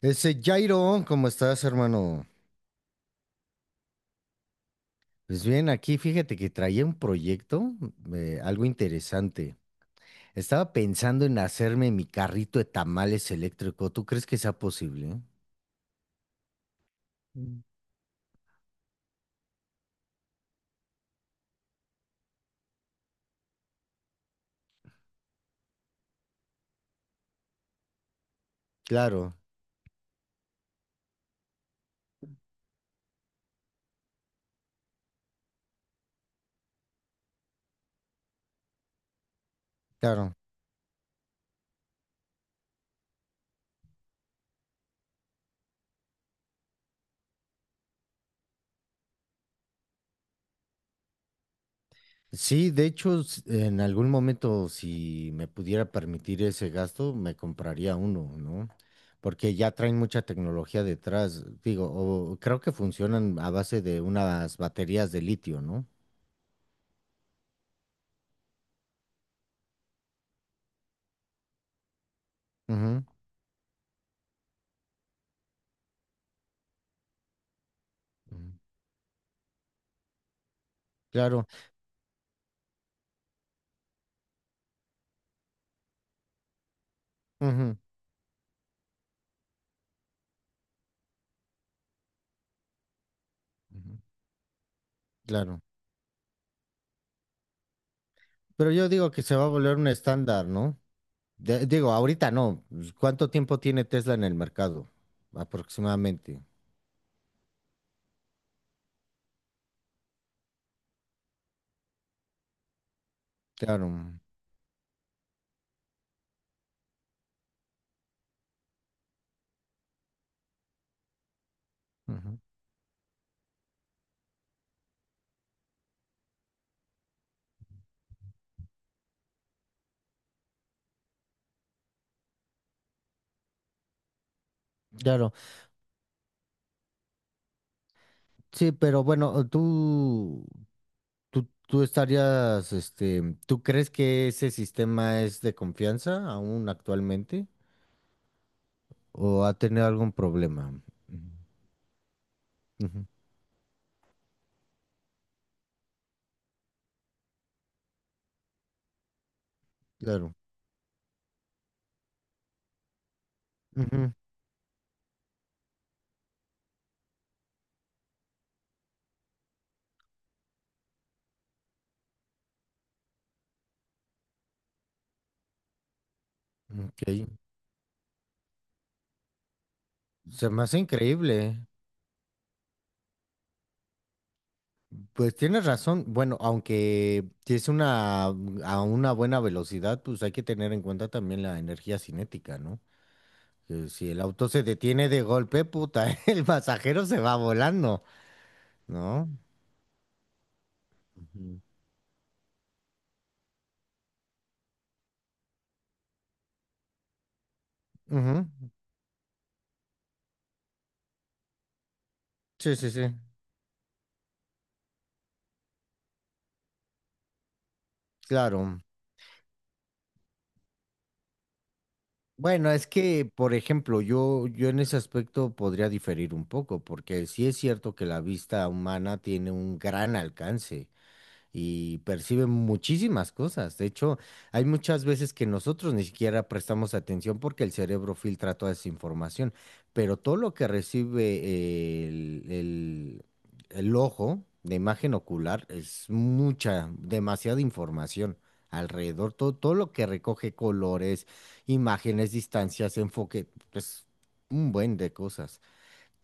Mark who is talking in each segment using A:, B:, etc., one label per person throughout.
A: Ese Jairo, ¿cómo estás, hermano? Pues bien, aquí fíjate que traía un proyecto, algo interesante. Estaba pensando en hacerme mi carrito de tamales eléctrico. ¿Tú crees que sea posible? Claro, claro. Sí, de hecho, en algún momento, si me pudiera permitir ese gasto, me compraría uno, ¿no? Porque ya traen mucha tecnología detrás. Digo, o creo que funcionan a base de unas baterías de litio, ¿no? Ujú, ujú. Claro. Ujú. Claro. Pero yo digo que se va a volver un estándar, ¿no? Digo, ahorita no. Pues, ¿cuánto tiempo tiene Tesla en el mercado? Aproximadamente. Claro. Ujú. Claro. Sí, pero bueno, tú estarías, ¿tú crees que ese sistema es de confianza aún actualmente? ¿O ha tenido algún problema? Ujú. Ujú. Claro. Ujú. Ok. Se me hace increíble, ¿eh? Pues tienes razón. Bueno, aunque si es una a una buena velocidad, pues hay que tener en cuenta también la energía cinética, ¿no? Que si el auto se detiene de golpe, puta, el pasajero se va volando, no. Ujú. Ujú. Sí, sí, sí. Claro. Bueno, es que, por ejemplo, yo en ese aspecto podría diferir un poco, porque sí es cierto que la vista humana tiene un gran alcance y perciben muchísimas cosas. De hecho, hay muchas veces que nosotros ni siquiera prestamos atención porque el cerebro filtra toda esa información, pero todo lo que recibe el ojo de imagen ocular es mucha, demasiada información. Alrededor, todo lo que recoge colores, imágenes, distancias, enfoque, pues un buen de cosas.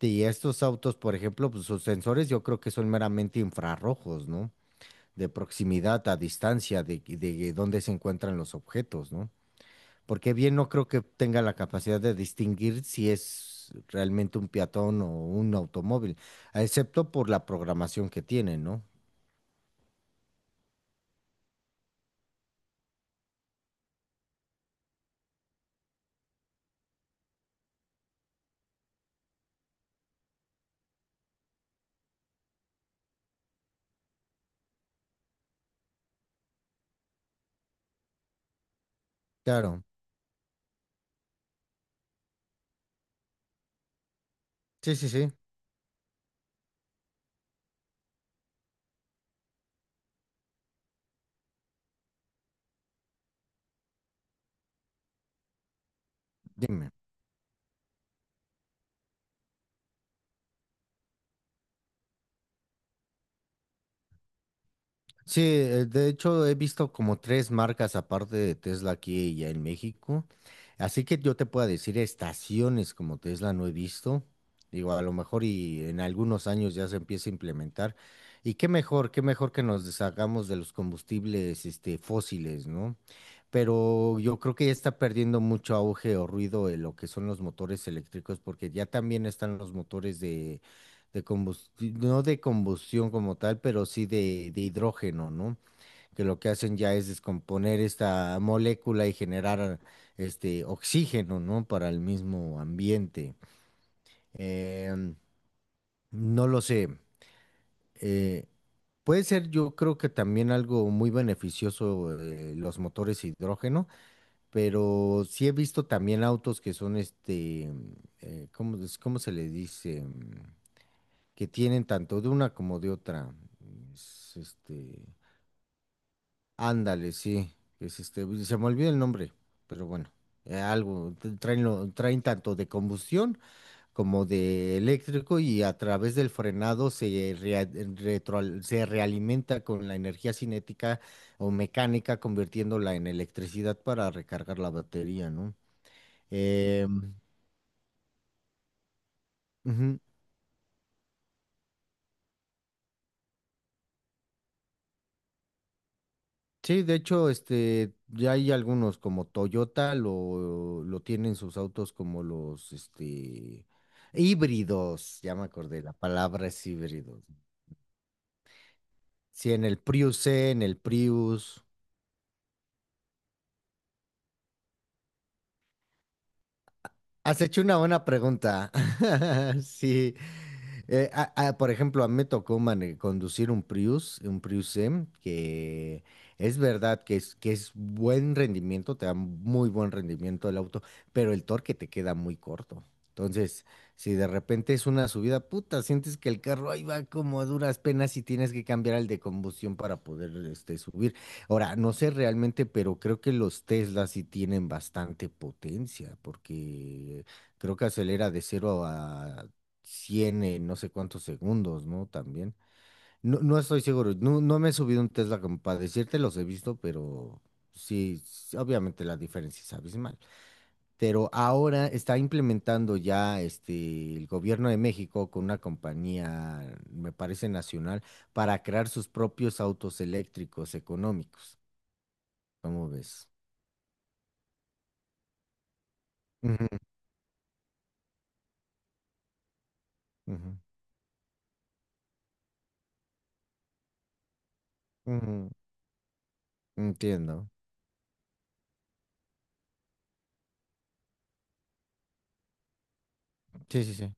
A: Y estos autos, por ejemplo, pues sus sensores yo creo que son meramente infrarrojos, ¿no? De proximidad a distancia, de dónde se encuentran los objetos, ¿no? Porque bien no creo que tenga la capacidad de distinguir si es realmente un peatón o un automóvil, excepto por la programación que tiene, ¿no? Claro. Sí, sí, sí. Dime. Sí, de hecho he visto como tres marcas aparte de Tesla aquí y ya en México. Así que yo te puedo decir estaciones como Tesla no he visto. Digo, a lo mejor y en algunos años ya se empieza a implementar. Y qué mejor que nos deshagamos de los combustibles, fósiles, ¿no? Pero yo creo que ya está perdiendo mucho auge o ruido en lo que son los motores eléctricos, porque ya también están los motores de combustión, no de combustión como tal, pero sí de hidrógeno, ¿no? Que lo que hacen ya es descomponer esta molécula y generar este oxígeno, ¿no? Para el mismo ambiente. Em, no lo sé. eh, Puede ser, yo creo que también algo muy beneficioso los motores hidrógeno, pero sí he visto también autos que son ¿cómo, cómo se le dice? Que tienen tanto de una como de otra. Es, este, ándale, sí, es uy, se me olvidó el nombre, pero bueno, algo, traen, traen tanto de combustión como de eléctrico y a través del frenado se, se realimenta con la energía cinética o mecánica, convirtiéndola en electricidad para recargar la batería, ¿no? Eh, ujú. Sí, de hecho, ya hay algunos como Toyota lo tienen sus autos como los, híbridos, ya me acordé, la palabra es híbridos. Sí, en el Prius, en el Prius. Has hecho una buena pregunta. Sí. Por ejemplo, a mí me tocó conducir un Prius M, que es verdad que es buen rendimiento, te da muy buen rendimiento el auto, pero el torque te queda muy corto. Entonces, si de repente es una subida, puta, sientes que el carro ahí va como a duras penas y tienes que cambiar al de combustión para poder subir. Ahora, no sé realmente, pero creo que los Teslas sí tienen bastante potencia, porque creo que acelera de 0 a 100 en no sé cuántos segundos, ¿no? También. No, no estoy seguro, no, no me he subido un Tesla como para decirte, los he visto, pero sí, obviamente la diferencia es abismal. Pero ahora está implementando ya el gobierno de México con una compañía, me parece nacional, para crear sus propios autos eléctricos económicos. ¿Cómo ves? Ujú, ujú, ujú, entiendo. Sí, sí, sí.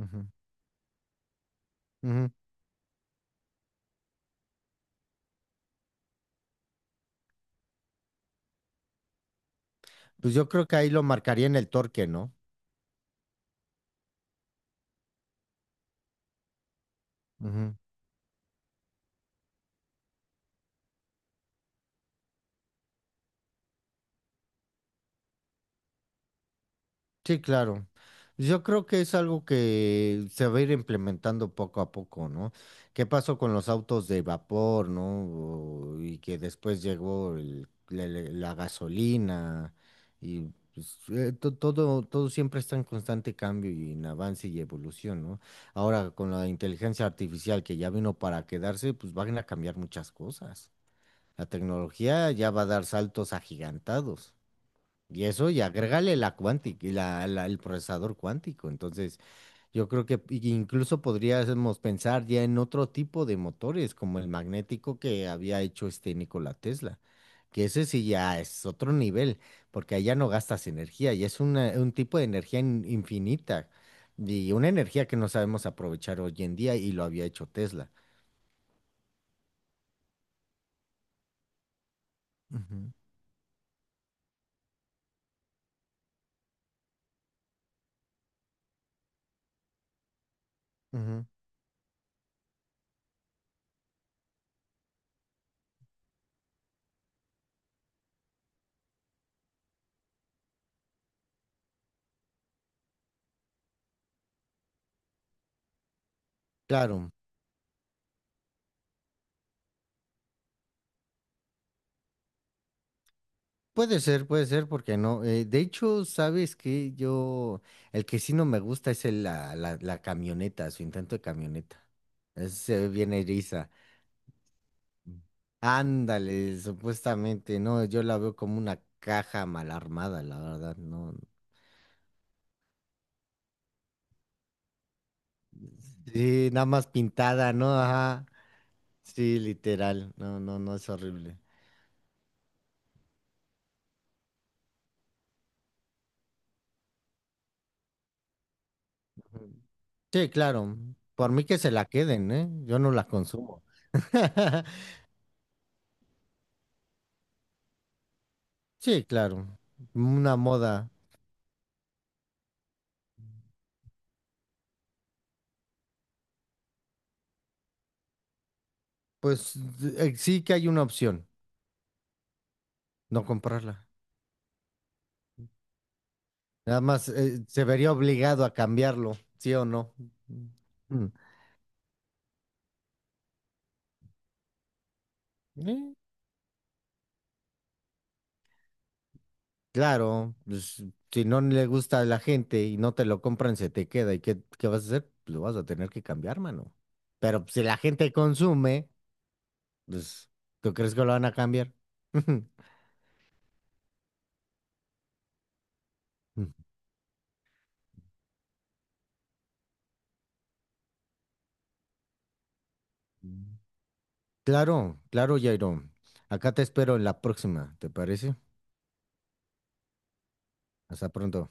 A: Ujú, ujú. Pues yo creo que ahí lo marcaría en el torque, ¿no? Sí, claro. Yo creo que es algo que se va a ir implementando poco a poco, ¿no? ¿Qué pasó con los autos de vapor, ¿no? Y que después llegó la gasolina y pues, todo, todo siempre está en constante cambio y en avance y evolución, ¿no? Ahora con la inteligencia artificial que ya vino para quedarse, pues van a cambiar muchas cosas. La tecnología ya va a dar saltos agigantados. Y eso, y agrégale la cuántica, y el procesador cuántico. Entonces, yo creo que incluso podríamos pensar ya en otro tipo de motores, como el magnético que había hecho este Nikola Tesla, que ese sí ya es otro nivel, porque allá no gastas energía, y es un tipo de energía infinita, y una energía que no sabemos aprovechar hoy en día, y lo había hecho Tesla. Ujú, ujú. Claro, puede ser, puede ser, porque no. De hecho, sabes que yo, el que sí no me gusta es la camioneta, su intento de camioneta. Se ve bien eriza. Ándale, supuestamente, no, yo la veo como una caja mal armada, la verdad, no. Sí, nada más pintada, ¿no? Ajá. Sí, literal, no, no, no, es horrible. Ujú. Sí, claro, por mí que se la queden, ¿eh? Yo no la consumo. Sí, claro, una moda. Pues sí que hay una opción, no comprarla. Nada más se vería obligado a cambiarlo, ¿sí o no? Mm. Mm. Claro, pues, si no le gusta a la gente y no te lo compran, se te queda. ¿Y qué, qué vas a hacer? Pues, lo vas a tener que cambiar, mano. Pero pues, si la gente consume, pues, ¿tú crees que lo van a cambiar? Mm. Claro, claro, Jairo. Acá te espero en la próxima, ¿te parece? Hasta pronto.